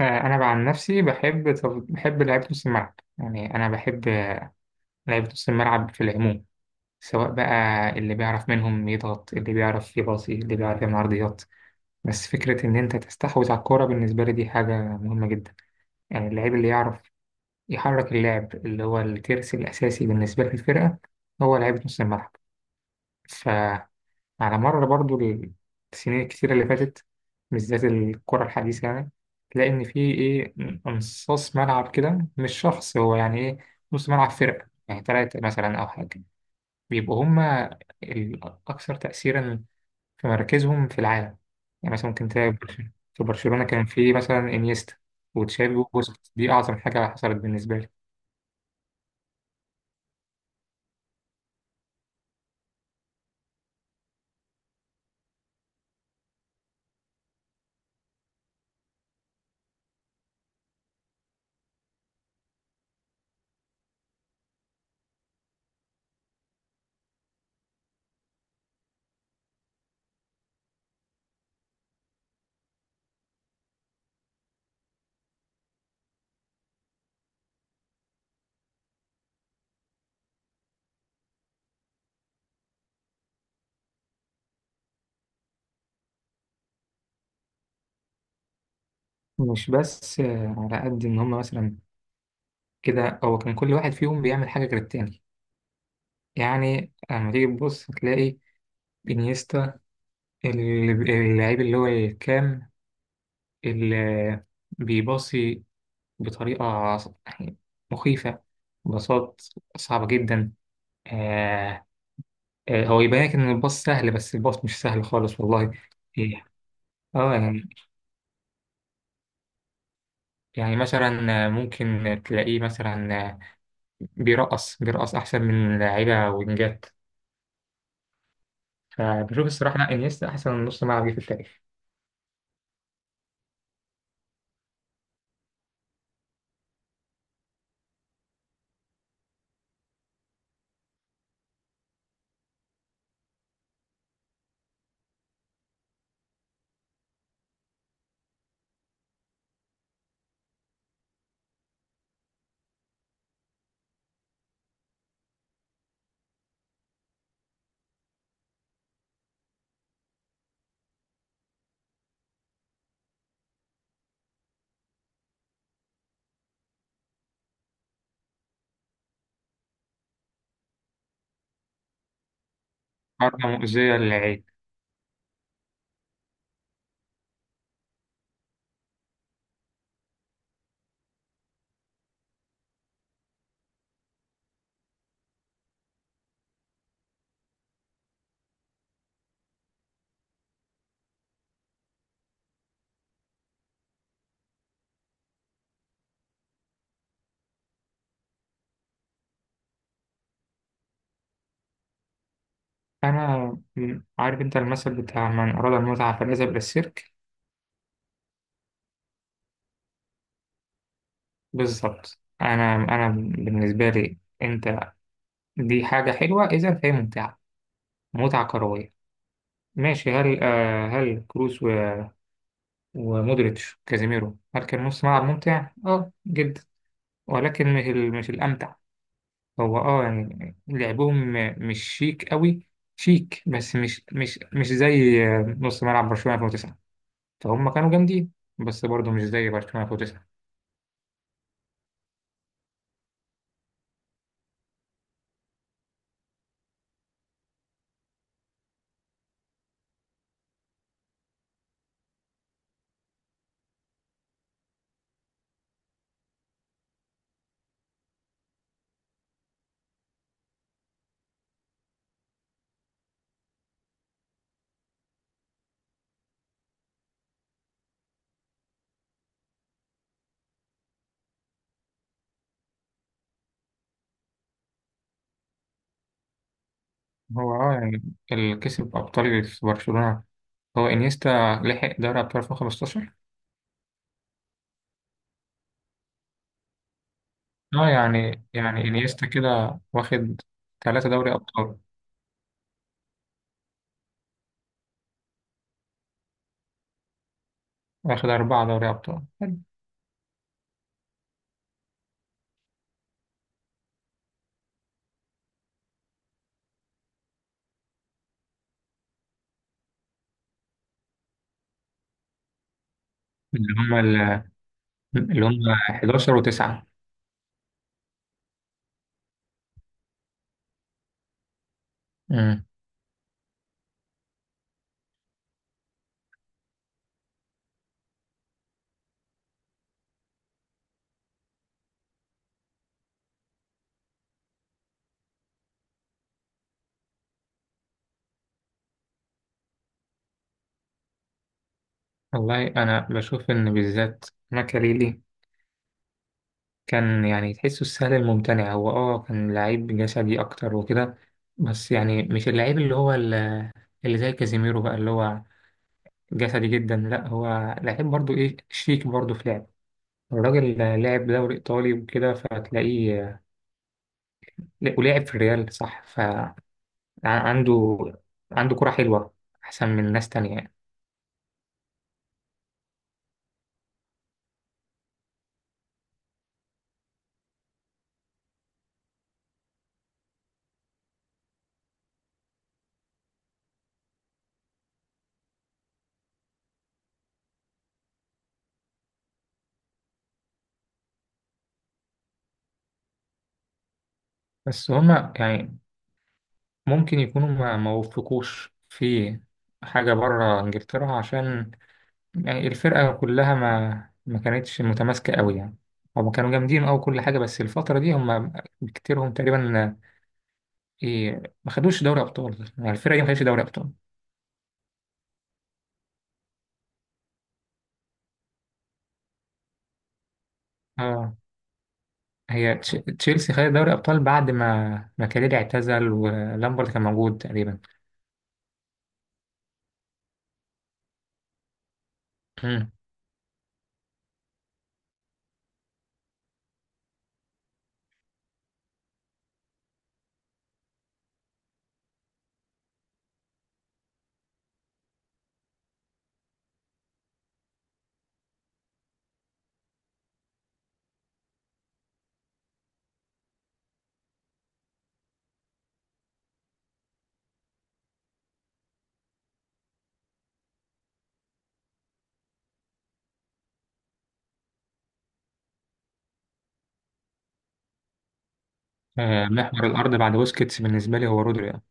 انا عن نفسي بحب، بحب لعيبه نص الملعب. يعني انا بحب لعيبه نص الملعب في العموم، سواء بقى اللي بيعرف منهم يضغط، اللي بيعرف يباصي، اللي بيعرف يعمل عرضيات. بس فكره ان انت تستحوذ على الكوره بالنسبه لي دي حاجه مهمه جدا. يعني اللعيب اللي يعرف يحرك اللعب، اللي هو الترس الاساسي بالنسبه للفرقه، هو لعيبه نص الملعب. على مر برضو السنين الكتيرة اللي فاتت، بالذات الكرة الحديثة، يعني تلاقي إن في إيه، نصاص ملعب كده، مش شخص، هو يعني إيه، نص ملعب فرقة يعني تلاتة مثلا أو حاجة، بيبقوا هما الأكثر تأثيرا في مراكزهم في العالم. يعني مثلا ممكن تلاقي في برشلونة كان في مثلا إنيستا وتشافي وبوسكيتس، دي أعظم حاجة حصلت بالنسبة لي. مش بس على قد إن هما مثلا كده، هو كان كل واحد فيهم بيعمل حاجة غير التاني. يعني لما تيجي تبص تلاقي بينيستا، اللعيب اللي هو الكام، اللي بيباصي بطريقة يعني مخيفة، باصات صعبة جدا. آه، هو يبان لك إن الباص سهل، بس الباص مش سهل خالص والله. إيه. اه يعني، يعني مثلا ممكن تلاقيه مثلا بيرقص، بيرقص أحسن من لعيبة وينجات. فبشوف الصراحة لا، انيستا أحسن نص ملعب جه في التاريخ. حركة مؤذية للعين. أنا عارف أنت المثل بتاع من أراد المتعة فليذهب إلى السيرك. بالظبط، أنا أنا بالنسبة لي أنت، دي حاجة حلوة إذا فهي ممتعة، متعة كروية. ماشي، هل آه هل كروس ومودريتش كازيميرو هل كان نص ملعب ممتع؟ أه جدا، ولكن مش مش الأمتع. هو أه يعني لعبهم مش شيك قوي، شيك بس مش زي آه، نص ملعب برشلونة 2009. فهم كانوا جامدين، بس برضه مش زي برشلونة 2009. هو اه يعني اللي كسب أبطال في برشلونة هو إنيستا، لحق دوري أبطال 2015. اه يعني، يعني إنيستا كده واخد 3 دوري أبطال، واخد 4 دوري أبطال، حلو. اللي هم ال- اللي هم 11 وتسعة. امم. والله أنا بشوف إن بالذات ماكاليلي كان يعني تحسه السهل الممتنع، هو اه كان لعيب جسدي أكتر وكده. بس يعني مش اللعيب اللي هو اللي زي كازيميرو بقى اللي هو جسدي جدا، لا هو لعيب برضو، ايه شيك برضو في لعب. الراجل لعب دوري ايطالي وكده، فتلاقيه ولعب في الريال، صح؟ فعنده، عنده كرة حلوة احسن من ناس تانية يعني. بس هما يعني ممكن يكونوا ما وفقوش في حاجة بره انجلترا، عشان يعني الفرقة كلها ما كانتش متماسكة قوي يعني. هما كانوا جامدين أوي، كل حاجة، بس الفترة دي هما بكتيرهم تقريبا إيه، ما خدوش دوري أبطال. يعني الفرقة دي ما خدتش دوري أبطال. اه، هي تش- تشيلسي خدت دوري ابطال بعد ما كاريري اعتزل ولامبرد كان موجود تقريبا. مم. آه، محور الارض بعد بوسكيتس بالنسبه لي هو رودري، آه.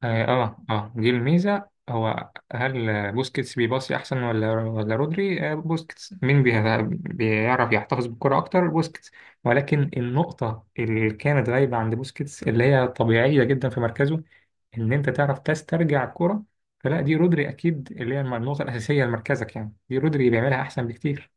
اه آه، دي الميزة. هو هل آه، بوسكيتس بيباصي أحسن ولا رودري؟ آه، بوسكيتس. مين بيعرف يحتفظ بالكرة أكتر؟ بوسكيتس. ولكن النقطة اللي كانت غايبة عند بوسكيتس، اللي هي طبيعية جدا في مركزه، إن أنت تعرف تسترجع الكرة، فلا دي رودري أكيد، اللي هي النقطة الأساسية لمركزك، يعني دي رودري بيعملها أحسن بكتير.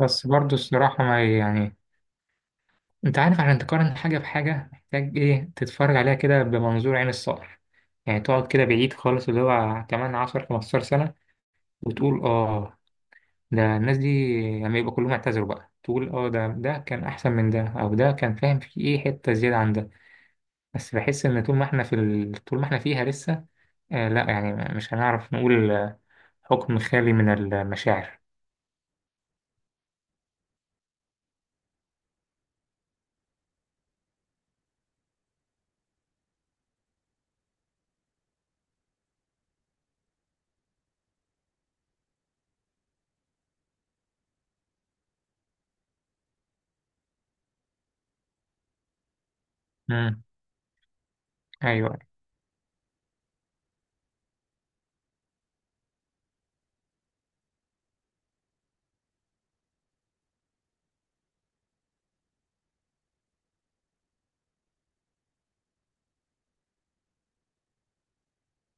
بس برضه الصراحة ما يعني، انت عارف، عشان تقارن حاجة بحاجة محتاج ايه، تتفرج عليها كده بمنظور عين الصقر. يعني تقعد كده بعيد خالص، اللي هو كمان 10 15 سنة، وتقول اه ده الناس دي لما يبقى كلهم اعتذروا بقى تقول اه ده كان احسن من ده، او ده كان فاهم في ايه حتة زيادة عن ده. بس بحس ان طول ما احنا في ال... طول ما احنا فيها لسه، آه لا يعني مش هنعرف نقول آه، حكم خالي من المشاعر. امم، ايوه.